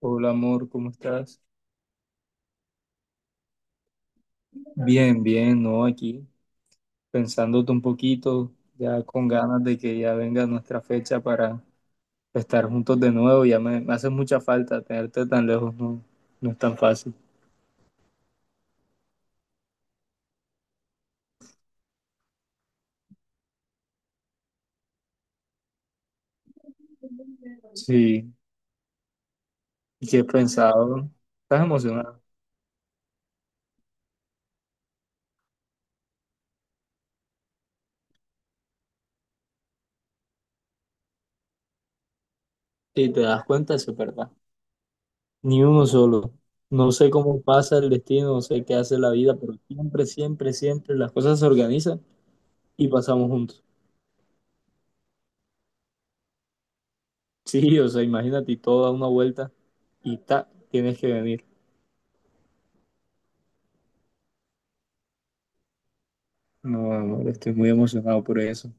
Hola amor, ¿cómo estás? Bien, bien, ¿no? Aquí pensándote un poquito, ya con ganas de que ya venga nuestra fecha para estar juntos de nuevo. Ya me hace mucha falta tenerte tan lejos, no, no es tan fácil. Sí, ¿y qué he pensado? ¿Estás emocionado? Sí, te das cuenta, eso es verdad. Ni uno solo. No sé cómo pasa el destino, no sé qué hace la vida, pero siempre, siempre, siempre las cosas se organizan y pasamos juntos. Sí, o sea, imagínate y toda una vuelta y tienes que venir. No, amor, estoy muy emocionado por eso.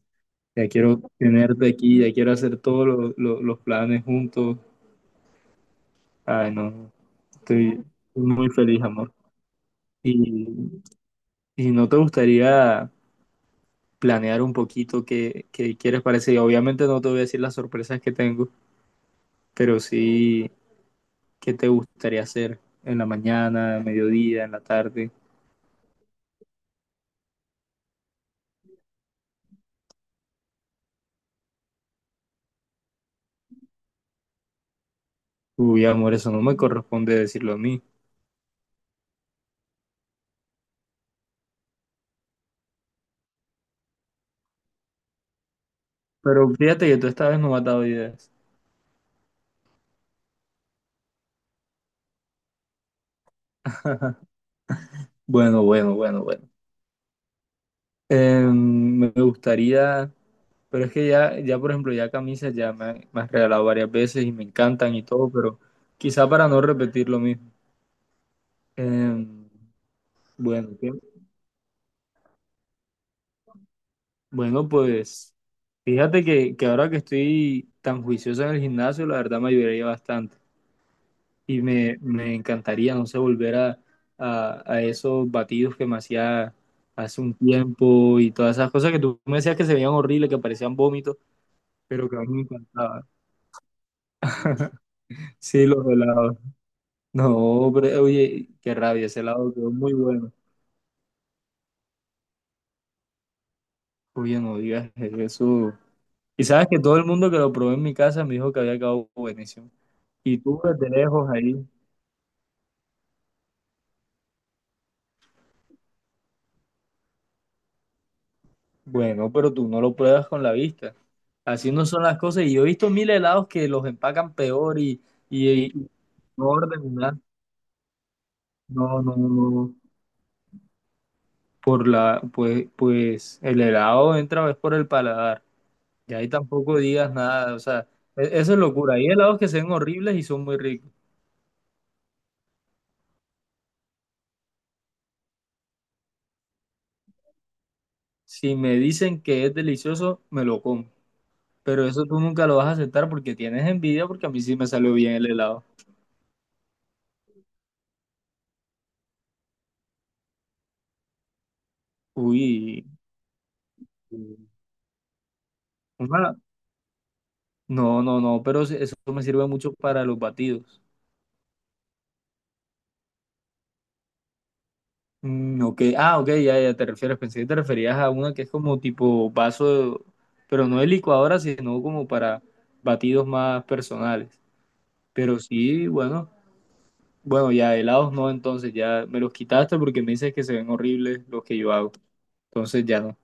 Ya quiero tenerte aquí, ya quiero hacer todos los planes juntos. Ay, no, estoy muy feliz, amor. Y, y no te gustaría planear un poquito qué quieres para ese día? Obviamente no te voy a decir las sorpresas que tengo, pero sí qué te gustaría hacer en la mañana, mediodía, en la tarde. Uy, amor, eso no me corresponde decirlo a mí. Pero fíjate que tú esta vez no me has dado ideas. Bueno, bueno, bueno, bueno. Me gustaría, pero es que ya por ejemplo, ya camisas ya me, han- me has regalado varias veces y me encantan y todo, pero quizá para no repetir lo mismo. Em, bueno, ¿qué? Bueno, pues fíjate que ahora que estoy tan juicioso en el gimnasio, la verdad me ayudaría bastante y me encantaría, no sé, volver a esos batidos que me hacía hace un tiempo y todas esas cosas que tú me decías que se veían horribles, que parecían vómitos, pero que a mí me encantaba. Sí, los helados. No, hombre, oye, qué rabia, ese lado quedó muy bueno. Oye, no digas eso. Y sabes que todo el mundo que lo probó en mi casa me dijo que había quedado buenísimo. Y tú desde lejos ahí. Bueno, pero tú no lo pruebas con la vista. Así no son las cosas. Y yo he visto mil helados que los empacan peor y no orden nada. No, no, no. Por pues, pues el helado entra es por el paladar. Y ahí tampoco digas nada. O sea, eso es locura. Hay helados que se ven horribles y son muy ricos. Si me dicen que es delicioso, me lo como. Pero eso tú nunca lo vas a aceptar porque tienes envidia, porque a mí sí me salió bien el helado. Uy, una- no, no, no, pero sí, eso me sirve mucho para los batidos. Mm, ok, ah, ok, ya, ya te refieres. Pensé que te referías a una que es como tipo vaso, pero no de licuadora, sino como para batidos más personales. Pero sí, bueno, bueno, ya helados no, entonces ya me los quitaste porque me dices que se ven horribles los que yo hago. Entonces ya no.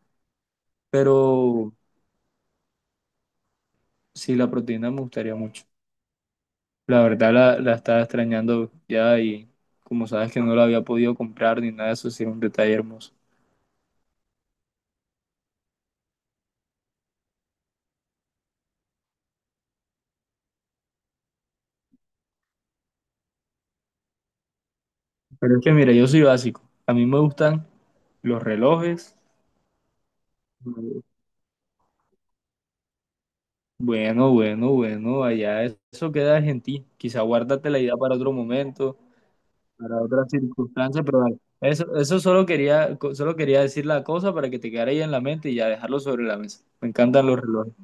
Pero sí, la proteína me gustaría mucho. La verdad la estaba extrañando ya y como sabes que no la había podido comprar ni nada, eso sí es un detalle hermoso. Pero es que mira, yo soy básico. A mí me gustan los relojes. Bueno, bueno, bueno, eso queda en ti. Quizá guárdate la idea para otro momento, para otra circunstancia, pero dale. Eso solo solo quería decir la cosa para que te quedara ahí en la mente y ya dejarlo sobre la mesa. Me encantan los relojes.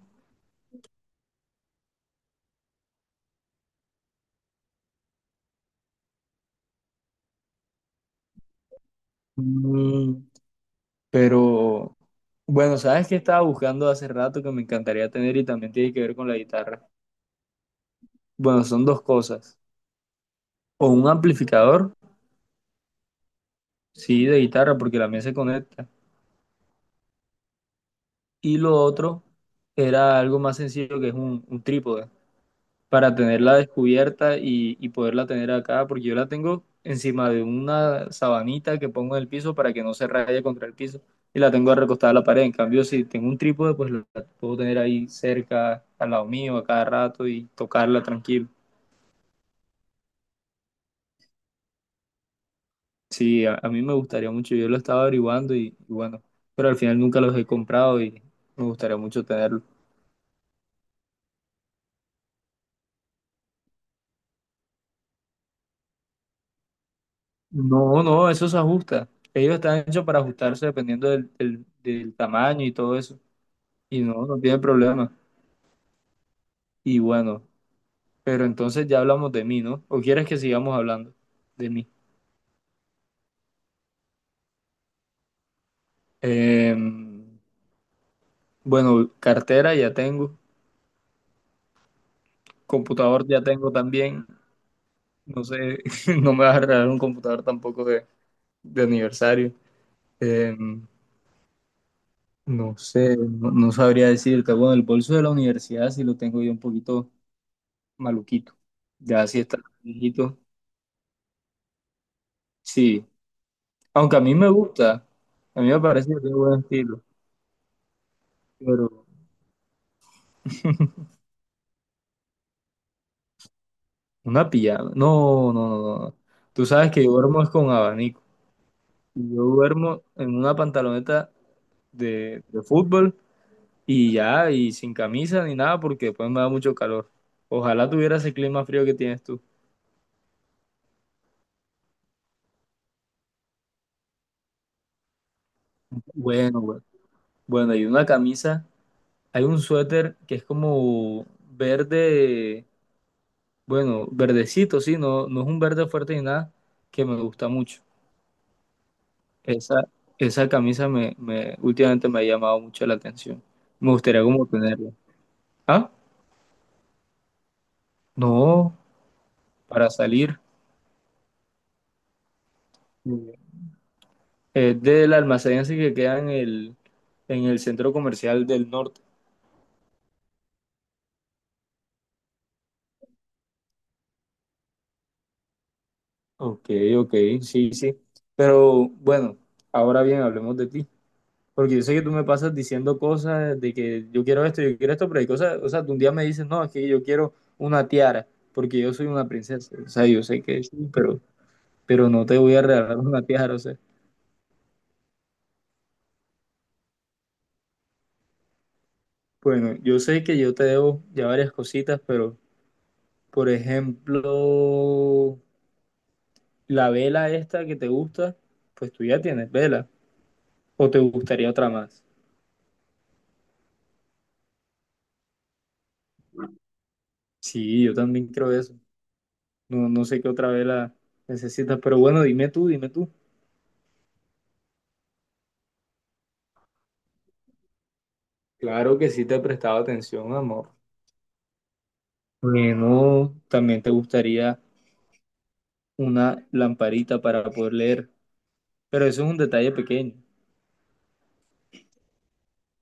Mm, pero... Bueno, sabes que estaba buscando hace rato que me encantaría tener y también tiene que ver con la guitarra. Bueno, son dos cosas. O un amplificador, sí, de guitarra, porque la mía se conecta. Y lo otro era algo más sencillo que es un trípode, para tenerla descubierta y poderla tener acá, porque yo la tengo encima de una sabanita que pongo en el piso para que no se raye contra el piso y la tengo recostada a la pared. En cambio, si tengo un trípode, pues la puedo tener ahí cerca, al lado mío, a cada rato y tocarla tranquilo. Sí, a mí me gustaría mucho, yo lo estaba averiguando y bueno, pero al final nunca los he comprado y me gustaría mucho tenerlos. No, no, eso se ajusta. Ellos están hechos para ajustarse dependiendo del tamaño y todo eso. Y no, no tiene problema. Y bueno, pero entonces ya hablamos de mí, ¿no? ¿O quieres que sigamos hablando de mí? Em, bueno, cartera ya tengo, computador ya tengo también. No sé, no me vas a regalar un computador tampoco de aniversario. Em, No sé, no sabría decirte. Bueno, el bolso de la universidad sí lo tengo yo un poquito maluquito. Ya sí está viejito. Sí, aunque a mí me gusta, a mí me parece que tiene buen estilo, pero una pijama. No, no, no, no. no. Tú sabes que yo duermo es con abanico. Y yo duermo en una pantaloneta de fútbol y ya, y sin camisa ni nada porque después me da mucho calor. Ojalá tuviera ese clima frío que tienes tú. Bueno, bueno. Bueno, y una camisa. Hay un suéter que es como verde, bueno, verdecito, sí, no, no es un verde fuerte ni nada, que me gusta mucho. Esa, esa camisa últimamente me ha llamado mucho la atención. Me gustaría como tenerla. Ah, no, para salir. Es del almacén ese que queda en en el centro comercial del norte. Ok, ok, sí, sí. Pero bueno, ahora bien, hablemos de ti. Porque yo sé que tú me pasas diciendo cosas de que yo quiero esto, pero hay cosas, o sea, tú un día me dices, no, es que yo quiero una tiara, porque yo soy una princesa, o sea, yo sé que sí, pero no te voy a regalar una tiara, o sea, bueno, yo sé que yo te debo ya varias cositas, pero, por ejemplo, la vela esta que te gusta, pues tú ya tienes vela, o te gustaría otra más. Sí, yo también creo eso, no, no sé qué otra vela necesitas, pero bueno, dime tú, dime tú. Claro que sí te he prestado atención, amor. Bueno, también te gustaría una lamparita para poder leer, pero eso es un detalle pequeño.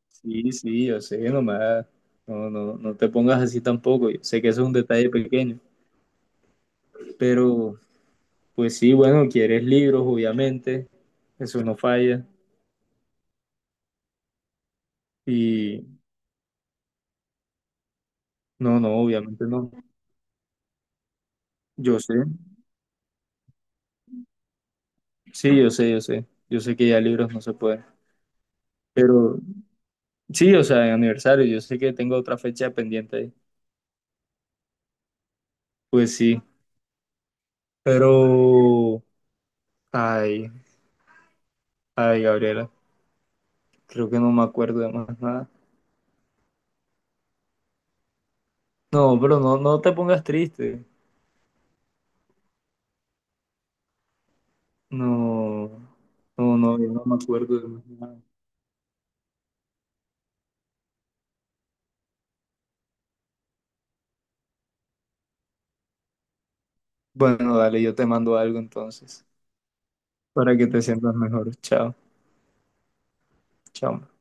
Sí, sí, yo sé, nomás, no, no, no te pongas así tampoco, yo sé que eso es un detalle pequeño, pero pues sí, bueno, quieres libros, obviamente, eso no falla, y no, no, obviamente no, yo sé, sí, yo sé, yo sé, yo sé que ya libros no se pueden, pero sí, o sea, en aniversario, yo sé que tengo otra fecha pendiente ahí, pues sí. Pero, ay, ay, Gabriela, creo que no me acuerdo de más nada. No, pero no, no te pongas triste. No, no, no, yo no me acuerdo de más nada. Bueno, dale, yo te mando algo entonces, para que te sientas mejor. Chao, chao.